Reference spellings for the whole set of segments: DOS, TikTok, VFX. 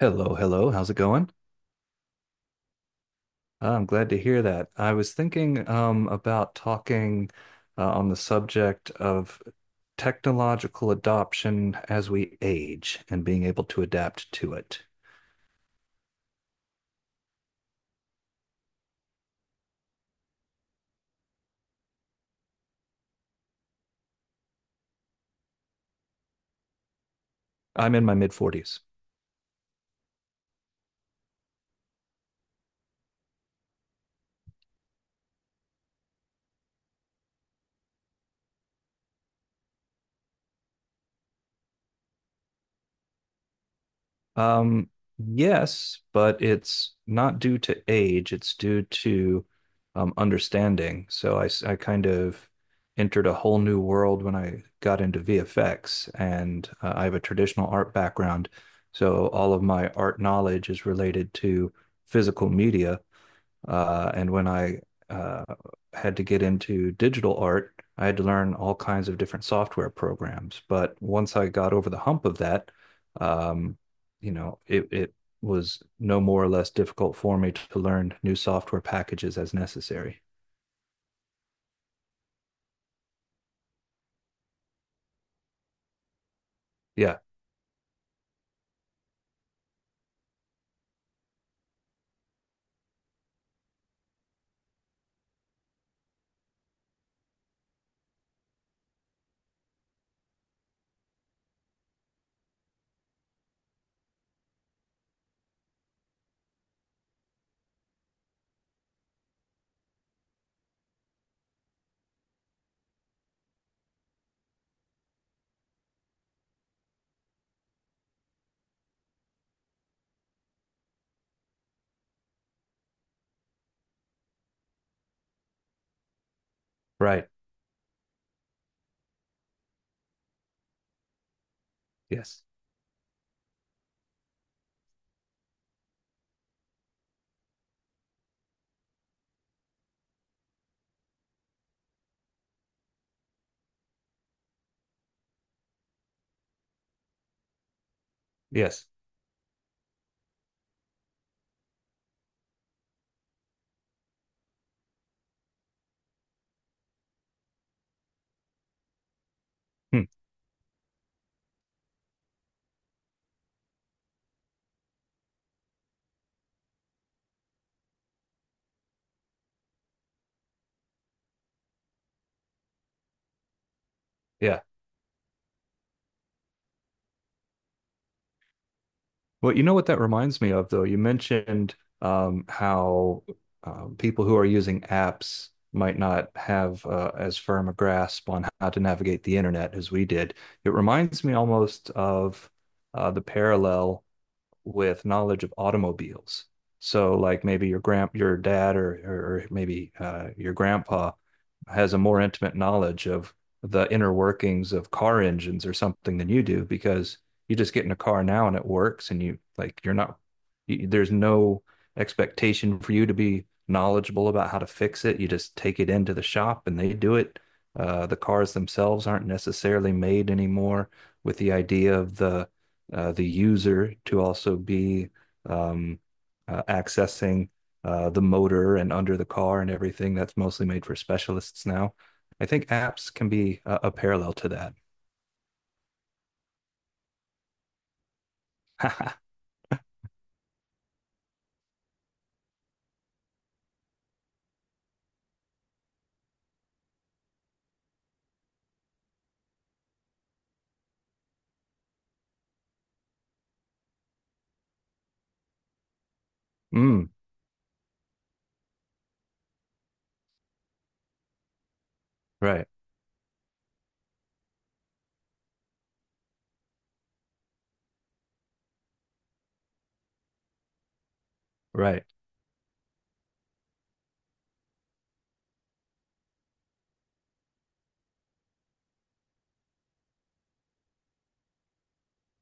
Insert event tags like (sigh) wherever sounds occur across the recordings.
Hello, hello. How's it going? I'm glad to hear that. I was thinking about talking on the subject of technological adoption as we age and being able to adapt to it. I'm in my mid 40s. Um, yes, but it's not due to age, it's due to understanding. I kind of entered a whole new world when I got into VFX, and I have a traditional art background. So all of my art knowledge is related to physical media. And when I uh, had to get into digital art, I had to learn all kinds of different software programs. But once I got over the hump of that, um, it was no more or less difficult for me to learn new software packages as necessary. Yeah, right. Yes, yes. Hmm. Yeah. Well, you know what that reminds me of, though? You mentioned how people who are using apps might not have as firm a grasp on how to navigate the internet as we did. It reminds me almost of the parallel with knowledge of automobiles. So like maybe your grand your dad or maybe your grandpa has a more intimate knowledge of the inner workings of car engines or something than you do because you just get in a car now and it works and you like you're not you, there's no expectation for you to be knowledgeable about how to fix it. You just take it into the shop and they do it. The cars themselves aren't necessarily made anymore with the idea of the user to also be um, accessing the motor and under the car and everything. That's mostly made for specialists now. I think apps can be a parallel to that. (laughs) Mm, right, right.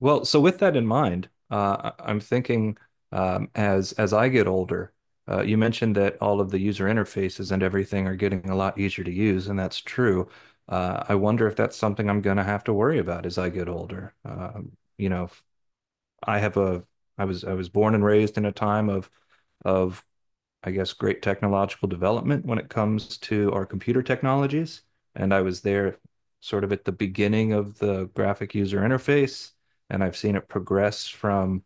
Well, so with that in mind, I'm thinking as I get older, you mentioned that all of the user interfaces and everything are getting a lot easier to use, and that's true. I wonder if that's something I'm going to have to worry about as I get older. You know, I have a I was born and raised in a time of I guess great technological development when it comes to our computer technologies, and I was there sort of at the beginning of the graphic user interface, and I've seen it progress from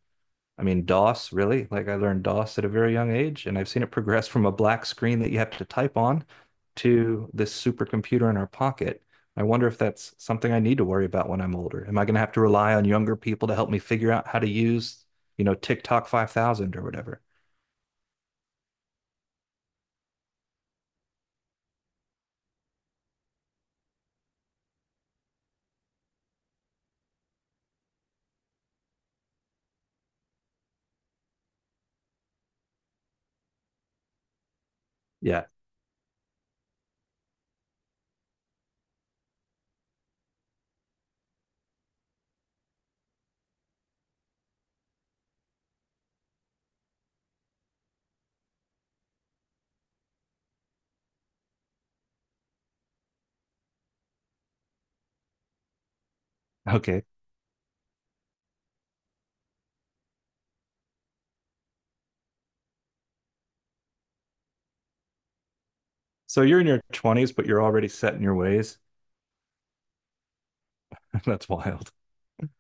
I mean, DOS, really? Like I learned DOS at a very young age, and I've seen it progress from a black screen that you have to type on to this supercomputer in our pocket. I wonder if that's something I need to worry about when I'm older. Am I going to have to rely on younger people to help me figure out how to use, you know, TikTok 5000 or whatever? Yeah. Okay. So you're in your 20s, but you're already set in your ways. (laughs) That's wild. Mhm.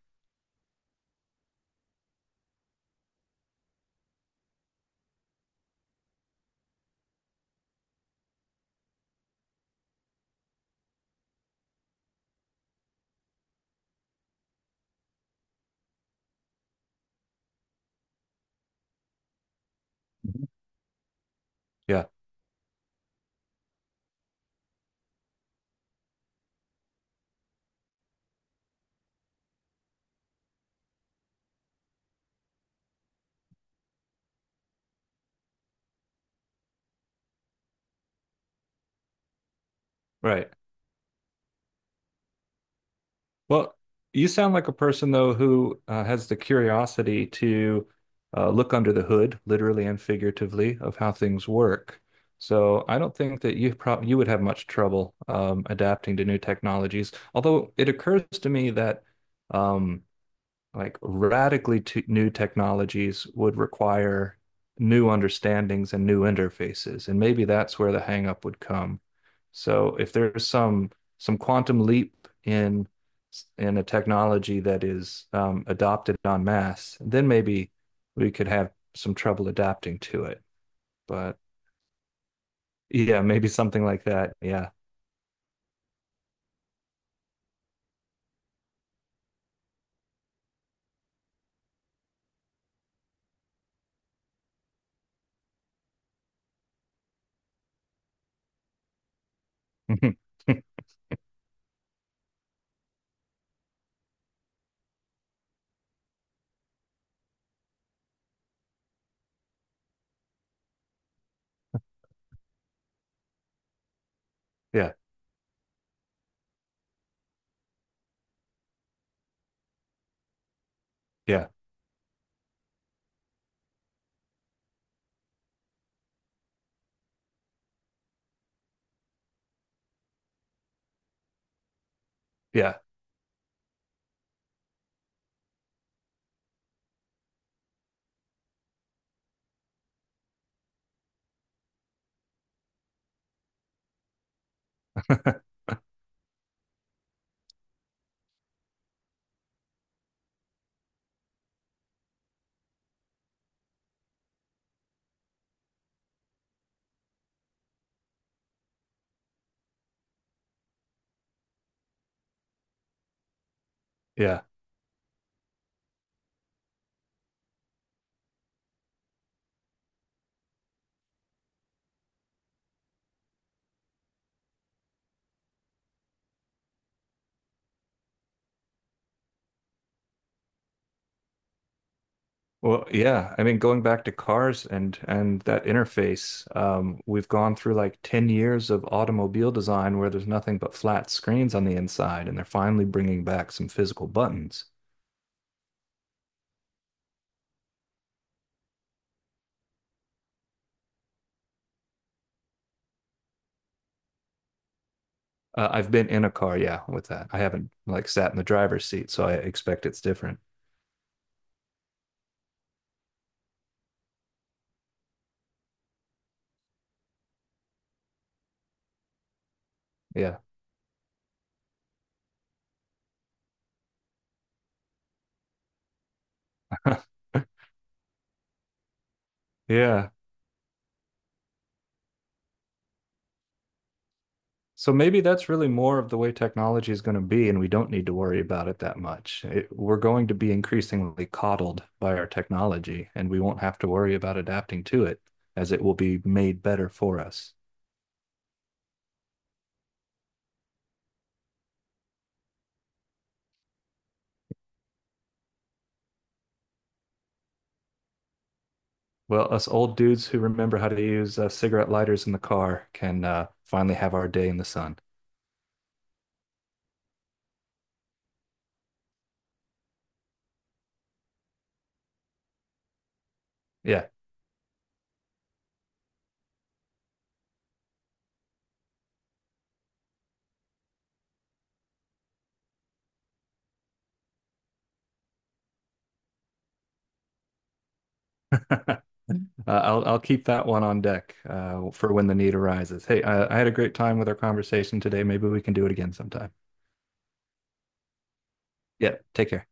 Yeah, right. Well, you sound like a person though who has the curiosity to look under the hood, literally and figuratively, of how things work. So I don't think that you prob you would have much trouble adapting to new technologies. Although it occurs to me that um, like radically t new technologies would require new understandings and new interfaces, and maybe that's where the hangup would come. So if there's some quantum leap in a technology that is adopted en masse, then maybe we could have some trouble adapting to it. But yeah, maybe something like that. Yeah. (laughs) Yeah. Yeah. Yeah. (laughs) Yeah. Well, yeah, I mean, going back to cars and that interface, we've gone through like 10 years of automobile design where there's nothing but flat screens on the inside, and they're finally bringing back some physical buttons. I've been in a car, yeah, with that. I haven't like sat in the driver's seat, so I expect it's different. Yeah. (laughs) Yeah. So maybe that's really more of the way technology is going to be, and we don't need to worry about it that much. It, we're going to be increasingly coddled by our technology, and we won't have to worry about adapting to it, as it will be made better for us. Well, us old dudes who remember how to use cigarette lighters in the car can finally have our day in the sun. Yeah, (laughs) uh, I'll keep that one on deck for when the need arises. Hey, I had a great time with our conversation today. Maybe we can do it again sometime. Yeah, take care.